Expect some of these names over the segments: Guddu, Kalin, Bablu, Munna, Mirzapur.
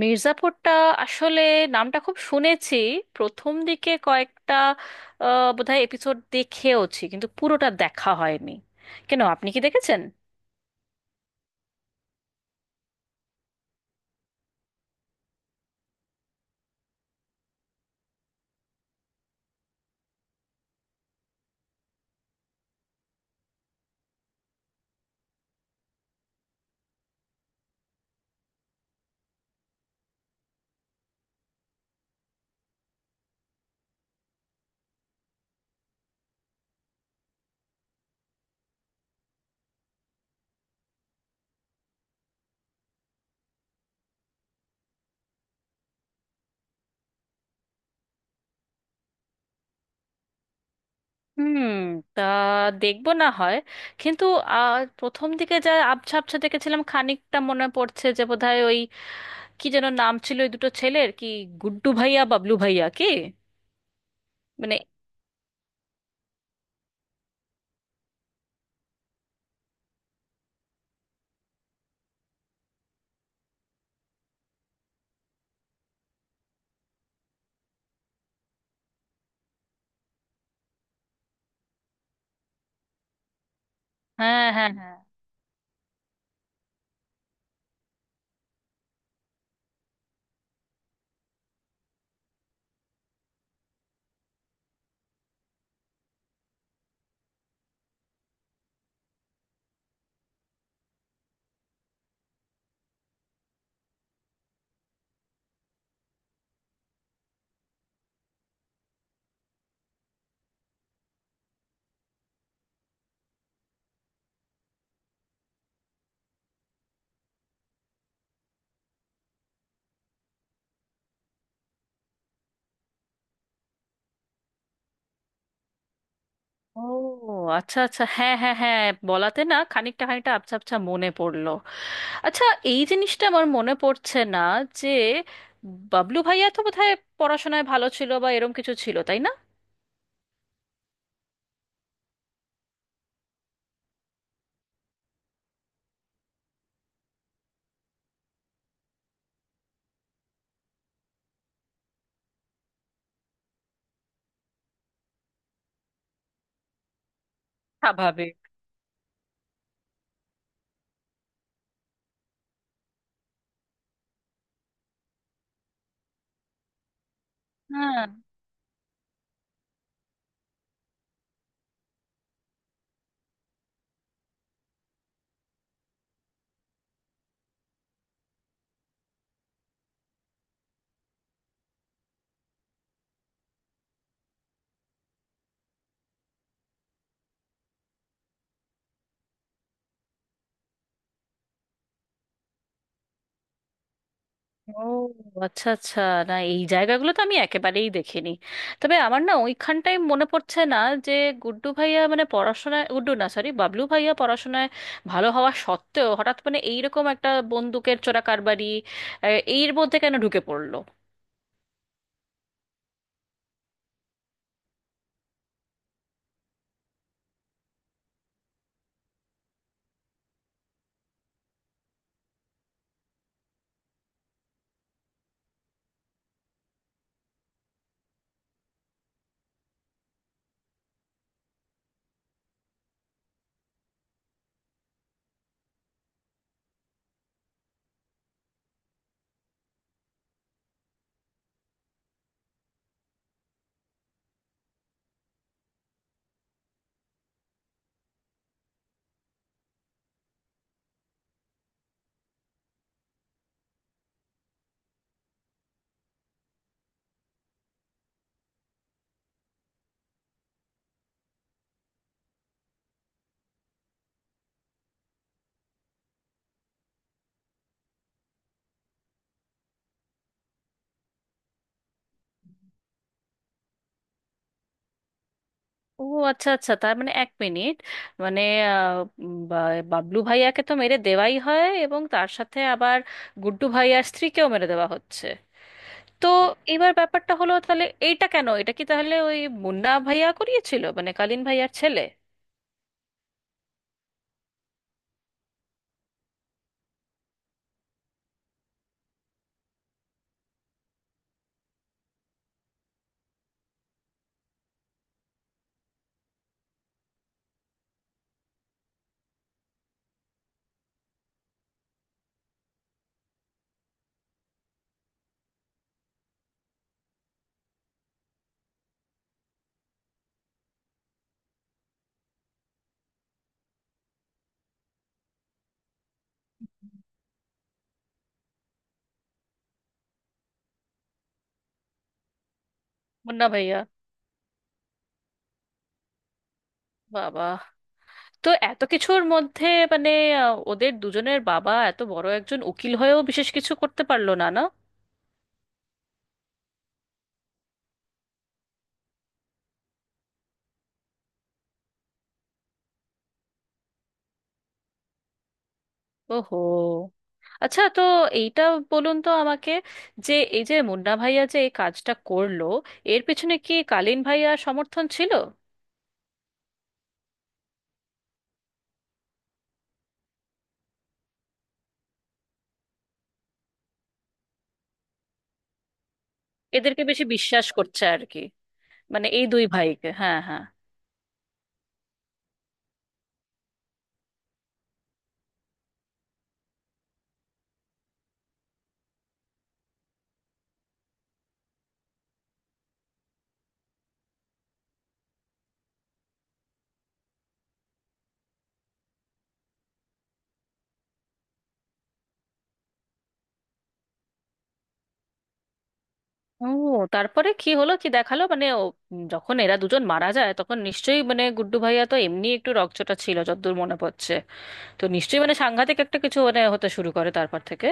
মির্জাপুরটা আসলে নামটা খুব শুনেছি। প্রথম দিকে কয়েকটা বোধহয় এপিসোড দেখেওছি, কিন্তু পুরোটা দেখা হয়নি। কেন, আপনি কি দেখেছেন? হুম। তা দেখবো না হয়, কিন্তু প্রথম দিকে যা আবছা আবছা দেখেছিলাম খানিকটা মনে পড়ছে যে বোধহয় ওই কি যেন নাম ছিল ওই দুটো ছেলের, কি গুড্ডু ভাইয়া বাবলু ভাইয়া কি? মানে, হ্যাঁ হ্যাঁ হ্যাঁ। ও আচ্ছা আচ্ছা, হ্যাঁ হ্যাঁ হ্যাঁ। বলাতে না খানিকটা খানিকটা আবছা আবছা মনে পড়লো। আচ্ছা, এই জিনিসটা আমার মনে পড়ছে না যে বাবলু ভাইয়া তো বোধহয় পড়াশোনায় ভালো ছিল বা এরম কিছু ছিল, তাই না? স্বাভাবিক। হ্যাঁ। ও আচ্ছা আচ্ছা, না এই জায়গাগুলো তো আমি একেবারেই দেখিনি। তবে আমার না ওইখানটাই মনে পড়ছে না যে গুড্ডু ভাইয়া মানে পড়াশোনায়, গুড্ডু না সরি বাবলু ভাইয়া পড়াশোনায় ভালো হওয়া সত্ত্বেও হঠাৎ মানে এইরকম একটা বন্দুকের চোরাকারবারি আহ, এর মধ্যে কেন ঢুকে পড়লো? ও আচ্ছা আচ্ছা, তার মানে এক মিনিট, মানে আহ, বাবলু ভাইয়াকে তো মেরে দেওয়াই হয় এবং তার সাথে আবার গুড্ডু ভাইয়ার স্ত্রীকেও মেরে দেওয়া হচ্ছে। তো এবার ব্যাপারটা হলো, তাহলে এইটা কেন? এটা কি তাহলে ওই মুন্না ভাইয়া করিয়েছিল, মানে কালীন ভাইয়ার ছেলে? মুন্না ভাইয়া। বাবা, তো এত কিছুর মধ্যে মানে ওদের দুজনের বাবা এত বড় একজন উকিল হয়েও বিশেষ কিছু করতে পারলো না, না? ওহো, আচ্ছা। তো এইটা বলুন তো আমাকে, যে এই যে মুন্না ভাইয়া যে এই কাজটা করলো, এর পেছনে কি কালীন ভাইয়ার সমর্থন ছিল? এদেরকে বেশি বিশ্বাস করছে আর কি, মানে এই দুই ভাইকে, হ্যাঁ হ্যাঁ। ও, তারপরে কি হলো কি দেখালো মানে? ও যখন এরা দুজন মারা যায় তখন নিশ্চয়ই মানে গুড্ডু ভাইয়া তো এমনি একটু রকচটা ছিল যতদূর মনে পড়ছে। তো নিশ্চয়ই মানে সাংঘাতিক একটা কিছু মানে হতে শুরু করে তারপর থেকে।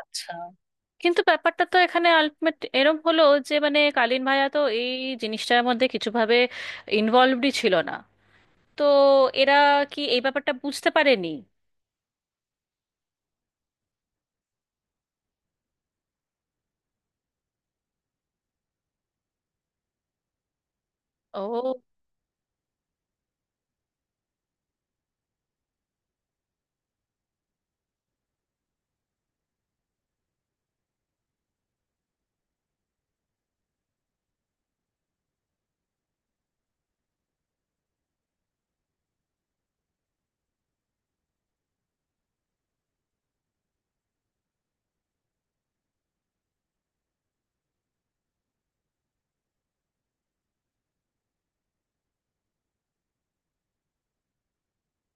আচ্ছা, কিন্তু ব্যাপারটা তো এখানে আলটিমেট এরম হলো, যে মানে কালীন ভাইয়া তো এই জিনিসটার মধ্যে কিছুভাবে ইনভলভডই ছিল না। তো এরা কি এই ব্যাপারটা বুঝতে পারেনি? ও।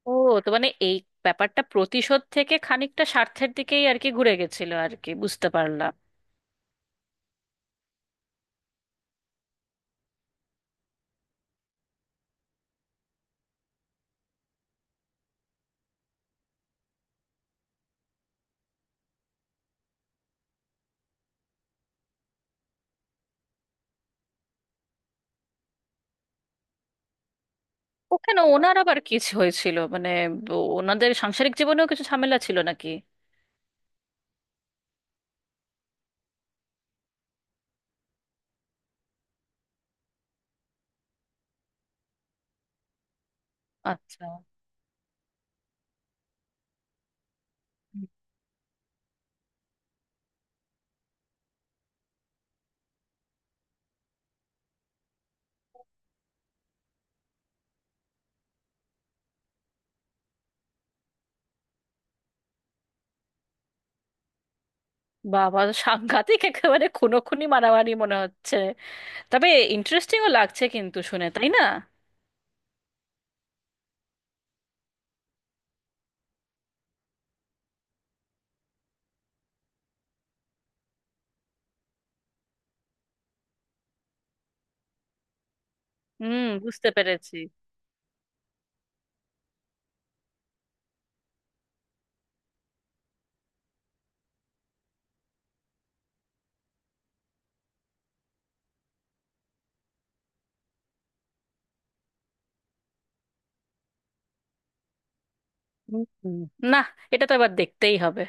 ও তো মানে এই ব্যাপারটা প্রতিশোধ থেকে খানিকটা স্বার্থের দিকেই আর কি ঘুরে গেছিল আর কি, বুঝতে পারলাম। ওখানে ওনার আবার কি হয়েছিল মানে? ওনাদের সাংসারিক জীবনেও কিছু ঝামেলা ছিল নাকি? আচ্ছা। বাবা, সাংঘাতিক একেবারে খুনোখুনি মারামারি মনে হচ্ছে। তবে ইন্টারেস্টিংও লাগছে কিন্তু শুনে, তাই না? হুম, বুঝতে পেরেছি। হুম। হুম। না, এটা তো এবার দেখতেই হবে।